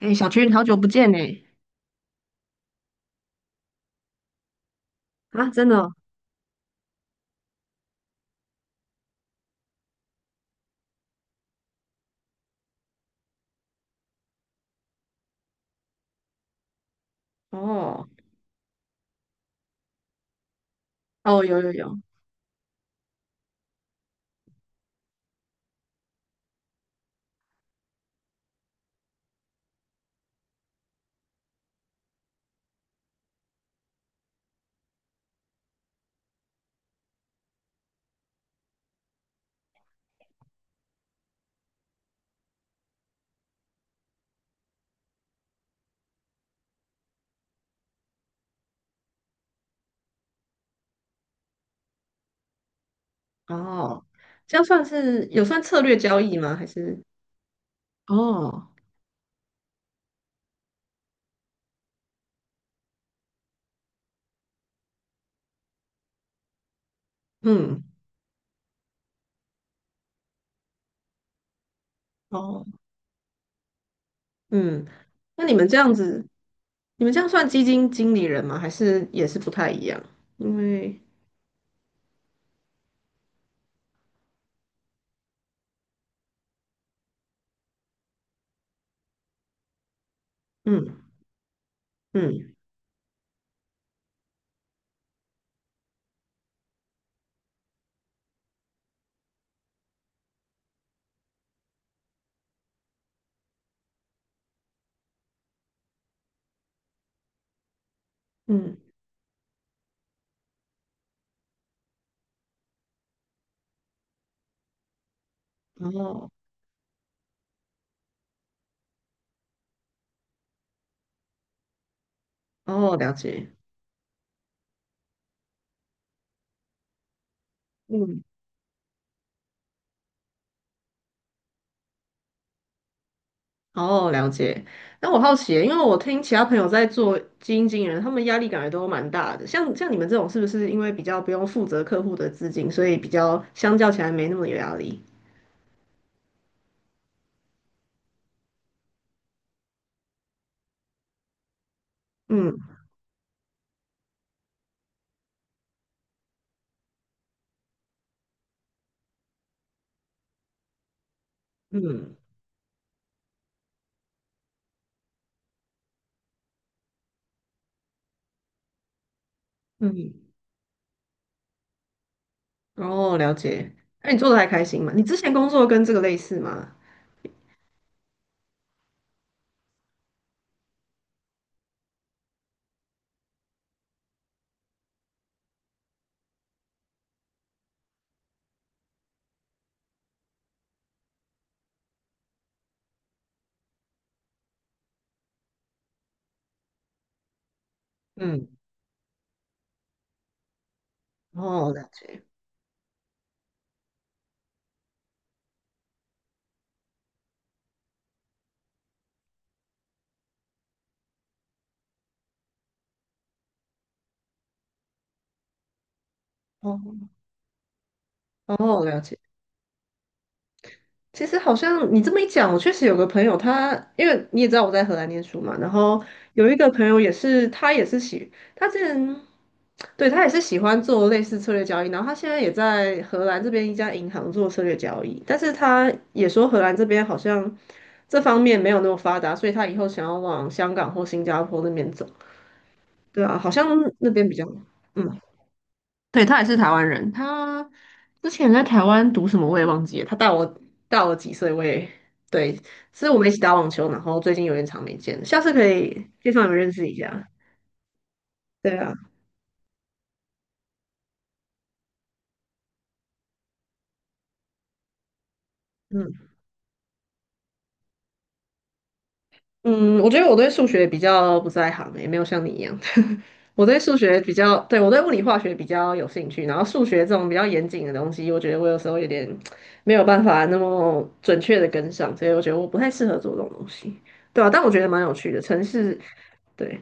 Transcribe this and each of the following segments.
哎，小群，好久不见呢！啊，真的哦，哦，哦，有有有，哦，这样算是有算策略交易吗？还是哦，嗯哦，嗯？那你们这样子，你们这样算基金经理人吗？还是也是不太一样？因为嗯嗯嗯，哦，哦，了解。嗯，哦，了解。那我好奇耶因为我听其他朋友在做基金经理人，他们压力感觉都蛮大的。像你们这种，是不是因为比较不用负责客户的资金，所以比较相较起来没那么有压力？嗯嗯嗯，哦，了解。那你做的还开心吗？你之前工作跟这个类似吗？嗯，哦，了解。哦哦，了解。其实好像你这么一讲，我确实有个朋友他，因为你也知道我在荷兰念书嘛，然后有一个朋友也是，他之前，对，他也是喜欢做类似策略交易，然后他现在也在荷兰这边一家银行做策略交易，但是他也说荷兰这边好像这方面没有那么发达，所以他以后想要往香港或新加坡那边走，对啊，好像那边比较，嗯。对，他也是台湾人，他之前在台湾读什么我也忘记了，他大我几岁，我也对，是我们一起打网球，然后最近有点长没见了，下次可以介绍你们认识一下。对啊，嗯嗯，我觉得我对数学比较不在行欸，也没有像你一样，我对数学比较，对，我对物理化学比较有兴趣，然后数学这种比较严谨的东西，我觉得我有时候有点没有办法那么准确的跟上，所以我觉得我不太适合做这种东西，对啊，但我觉得蛮有趣的，城市。对。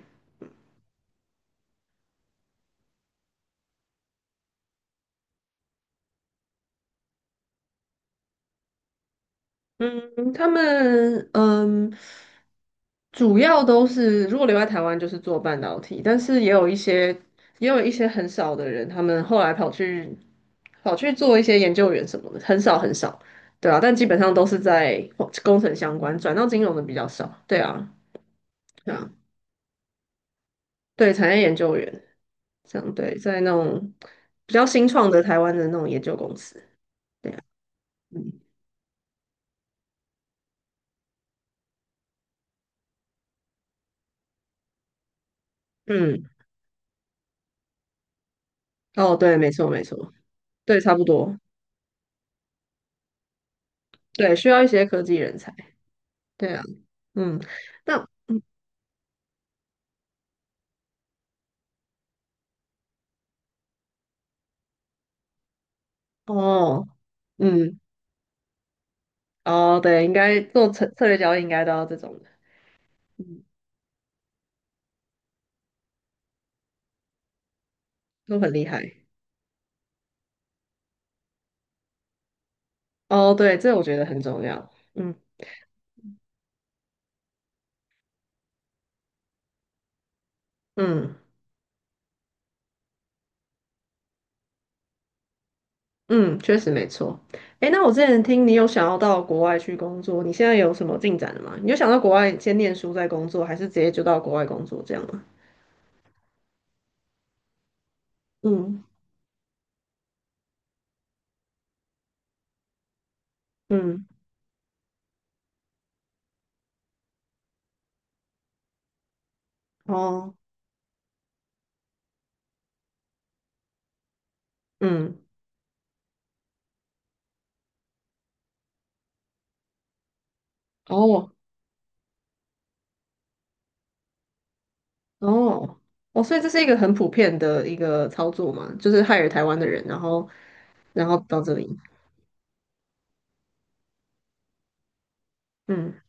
嗯，他们嗯，主要都是如果留在台湾就是做半导体，但是也有一些也有一些很少的人，他们后来跑去做一些研究员什么的，很少很少，对啊，但基本上都是在工程相关，转到金融的比较少，对啊，对啊，对，产业研究员这样，对，在那种比较新创的台湾的那种研究公司，对啊，嗯嗯，哦，对，没错没错，对，差不多，对，需要一些科技人才。对啊，嗯，那嗯哦，嗯哦，对，应该做策略交易应该都要这种的，嗯，都很厉害。哦，对，这我觉得很重要。嗯嗯嗯，确实没错。诶，那我之前听你有想要到国外去工作，你现在有什么进展了吗？你有想到国外先念书再工作，还是直接就到国外工作这样吗？嗯嗯，哦，嗯哦，哦，哦，所以这是一个很普遍的一个操作嘛，就是害了台湾的人，然后，到这里，嗯，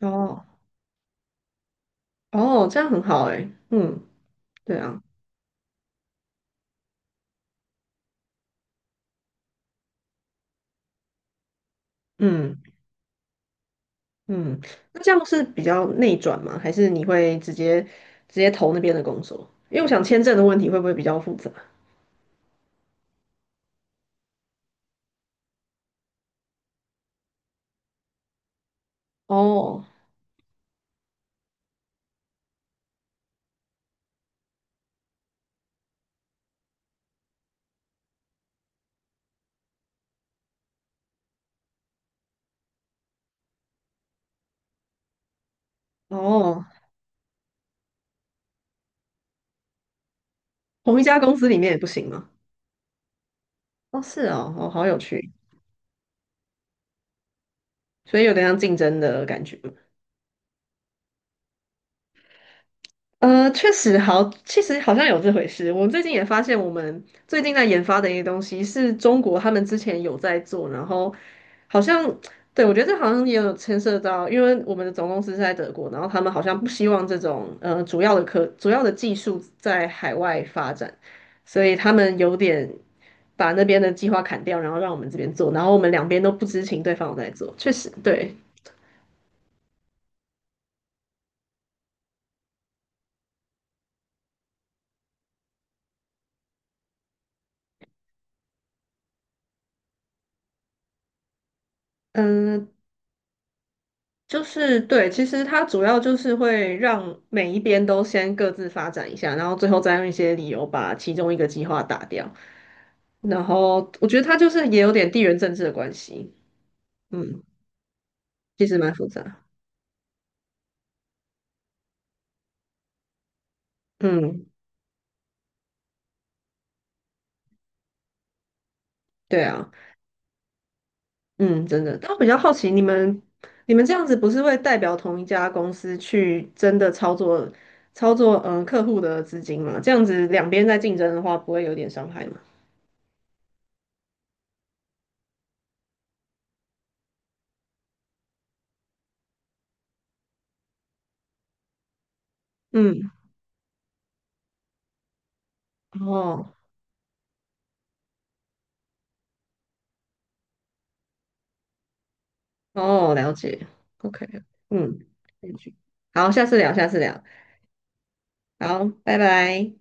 哦，哦，这样很好诶，嗯，对啊，嗯嗯，那这样是比较内转吗？还是你会直接投那边的工作？因为我想签证的问题会不会比较复杂？哦哦，同一家公司里面也不行吗？哦，是哦，哦，好有趣，所以有点像竞争的感觉。确实好，其实好像有这回事。我最近也发现，我们最近在研发的一些东西是中国他们之前有在做，然后好像，对，我觉得这好像也有牵涉到，因为我们的总公司是在德国，然后他们好像不希望这种主要的技术在海外发展，所以他们有点把那边的计划砍掉，然后让我们这边做，然后我们两边都不知情对方有在做，确实，对。嗯，就是对，其实它主要就是会让每一边都先各自发展一下，然后最后再用一些理由把其中一个计划打掉。然后我觉得它就是也有点地缘政治的关系，嗯，其实蛮复杂，嗯，对啊，嗯，真的。但我比较好奇，你们这样子不是会代表同一家公司去真的操作客户的资金吗？这样子两边在竞争的话，不会有点伤害吗？嗯，哦。哦，了解。OK，嗯，嗯好，下次聊，下次聊，好，拜拜。